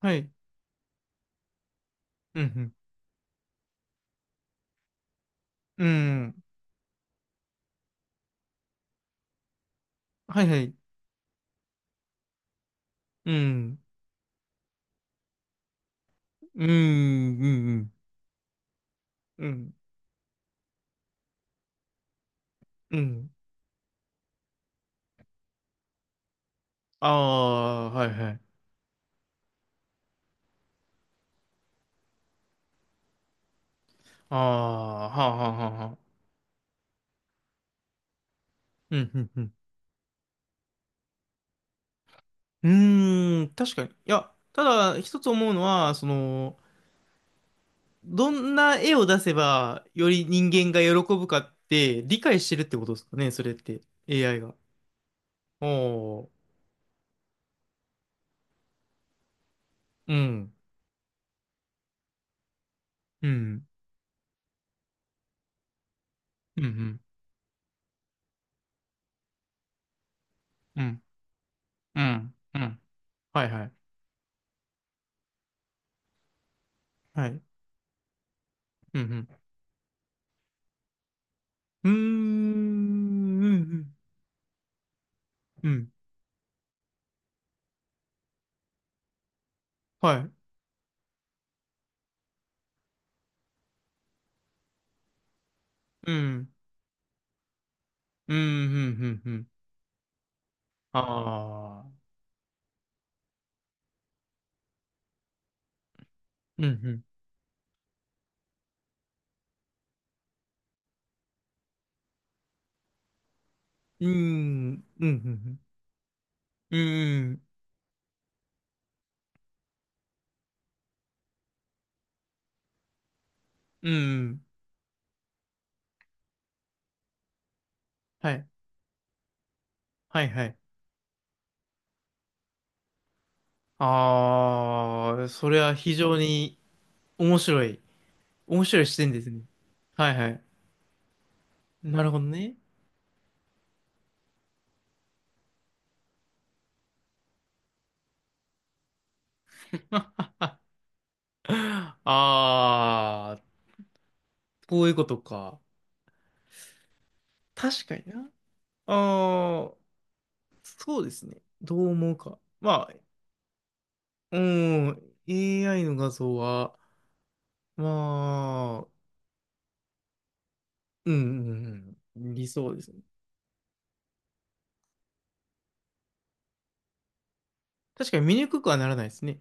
はい。うん、うん。うん。はいはい。うん。うん、うん、うん。うん、うん。ああ、はいはい。ああ、はあ、はあ、はあ。はあ、うん、うん、うん。うーん、確かに。いや、ただ、一つ思うのは、その、どんな絵を出せば、より人間が喜ぶかって、理解してるってことですかね、それって。AI が。おー、うん、うん、うん、うん、うん、うん、うん。はいはい。はい。うん、うん、うーん、うん、うん、うん。はい。うん、うん、うん、うん、うん。ああ、うん、うん、うん、うん、うん、うん、うん。はい、はい、はい。ああ、それは非常に面白い。面白い視点ですね。はい、はい。なるほどね。ああ、こういうことか。確かにな。ああ、そうですね。どう思うか。まあ、うん、AI の画像は、まあ、うん、うんうん、理想ですね。確かに見にくくはならないですね。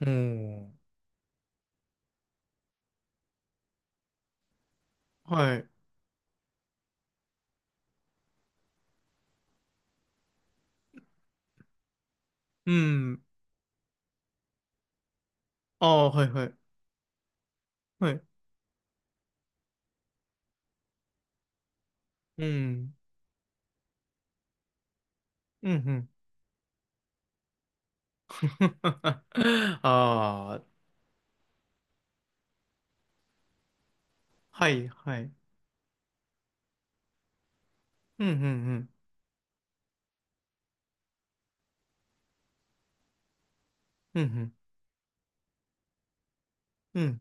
うん。はい。うん。ああ、はいはい。はい。うん。うん、うん。ああ、はいはい。うん、うん、うん。うん、うん。うん、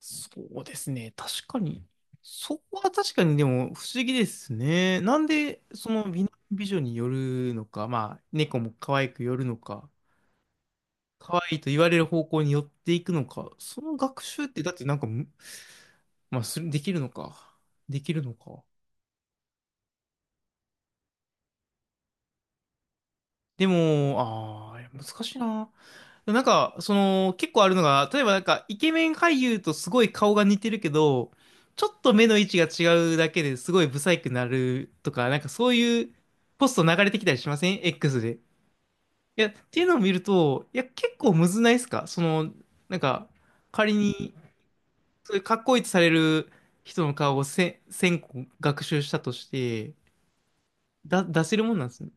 そうですね。確かに。そこは確かにでも不思議ですね。なんで、その美男美女によるのか、まあ、猫も可愛くよるのか。可愛いと言われる方向に寄っていくのか。その学習って、だってなんかまあ、できるのか。できるのか。でも、ああ、難しいな。なんか、その、結構あるのが、例えばなんか、イケメン俳優とすごい顔が似てるけど、ちょっと目の位置が違うだけですごいブサイクになるとか、なんかそういうポスト流れてきたりしません？ X で。いや、っていうのを見ると、いや、結構むずないですかその、なんか、仮にそういうかっこいいとされる人の顔を1000個学習したとして、だ、出せるもんなんですね。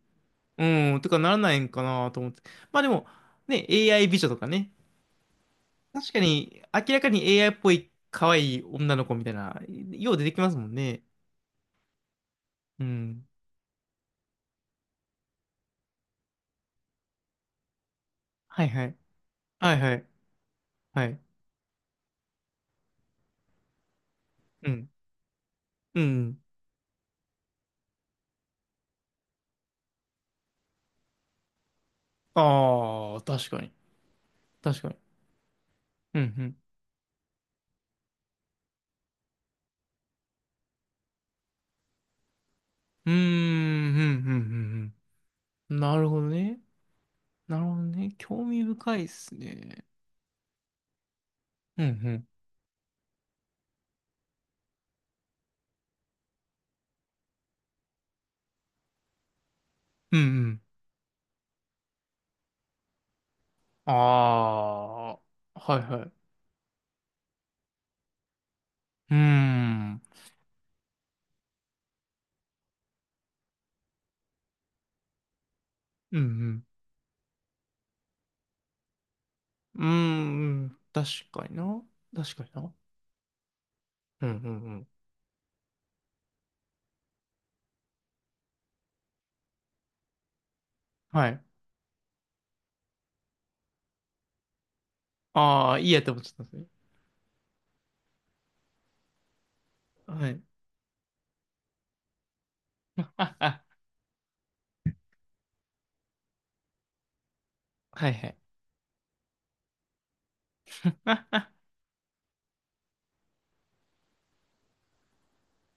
うん、とかならないんかなと思って。まあでも、ね、AI 美女とかね。確かに、明らかに AI っぽい可愛い女の子みたいな、よう出てきますもんね。うん。はいはい。はいはい。はい。うん。うん。ああ、確かに。確かに。うん、うん。うーん、うん、うん、うん。うん、なるほどね。なるほどね。興味深いっすね。うんうんうん。ああ、はいはい。うーん。うんうん。うーん、うん。確かにな。確かにな。うんうんうん。はい。ああ、いいやって思っちゃったんですね。はい。あ、はいはい。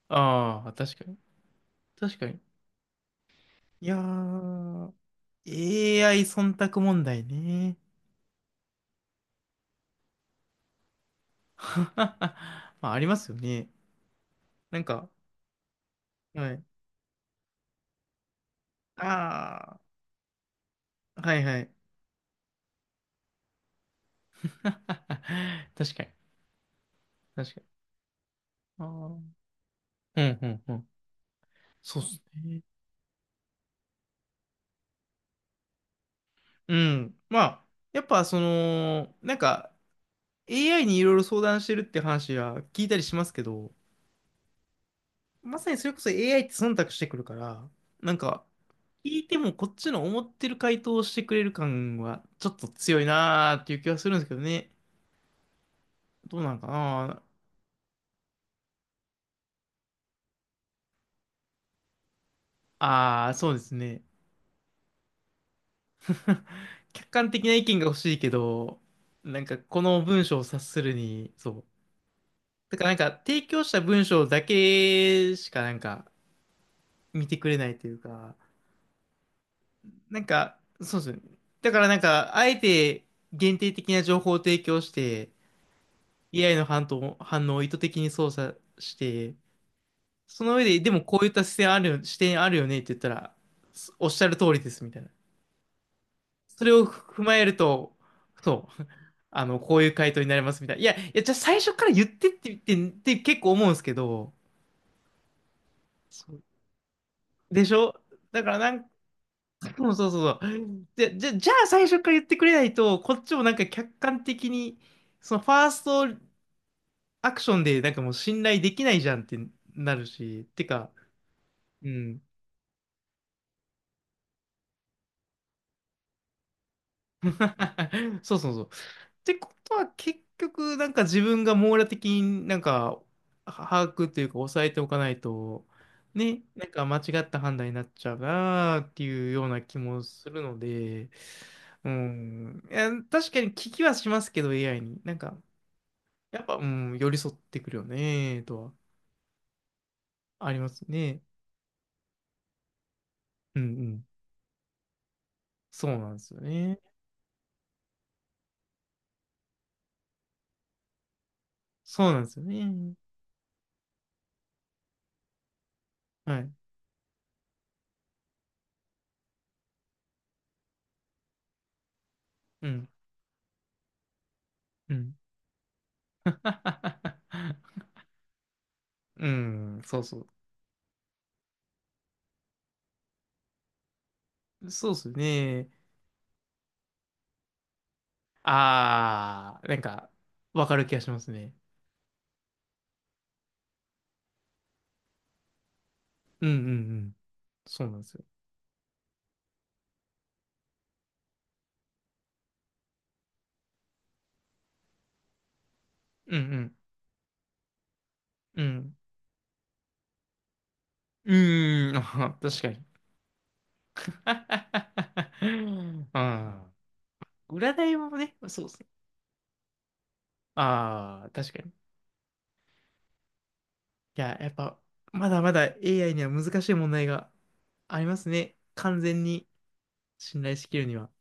ああ、確かに。確かに。いやー、AI 忖度問題ね。まあ、ありますよね。なんか、はい。ああ、はいはい。確かに。確かに。ああ。うんうんうん。そうっすね。うん。まあ、やっぱその、なんか AI にいろいろ相談してるって話は聞いたりしますけど、まさにそれこそ AI って忖度してくるから、なんか聞いてもこっちの思ってる回答をしてくれる感はちょっと強いなーっていう気はするんですけどね。どうなんかな。ああー、そうですね。客観的な意見が欲しいけど、なんかこの文章を察するに、そう。だからなんか提供した文章だけしかなんか見てくれないというか、なんか、そうですね。だからなんか、あえて限定的な情報を提供して、AI の反応を意図的に操作して、その上で、でもこういった視点あるよ、視点あるよねって言ったら、おっしゃる通りですみたいな。それを踏まえると、そう、あの、こういう回答になりますみたいな。いや、いや、じゃあ最初から言ってって言って、って結構思うんですけど、そうでしょ。だからなんそうそうそうそう。で、じゃあ最初から言ってくれないと、こっちもなんか客観的に、そのファーストアクションでなんかもう信頼できないじゃんってなるし、てか、うん。そうそうそう。ってことは結局なんか自分が網羅的になんかは把握というか抑えておかないと、ね、なんか間違った判断になっちゃうなーっていうような気もするので、うん。いや、確かに聞きはしますけど、AI に。なんか、やっぱ、うん、寄り添ってくるよね、とは、ありますね。うんうん。そうなんですよね。そうなんですよね。はい。うん、うん。うん、そうそう。そうっすね。あー、なんか、わかる気がしますね。うんうんうん。そうなんですよ。うんうん。うん。うーん、あ、確かに。ああ、占いもね、そうっすね。ああ、確かに。いや、やっぱ、まだまだ AI には難しい問題がありますね。完全に信頼しきるには。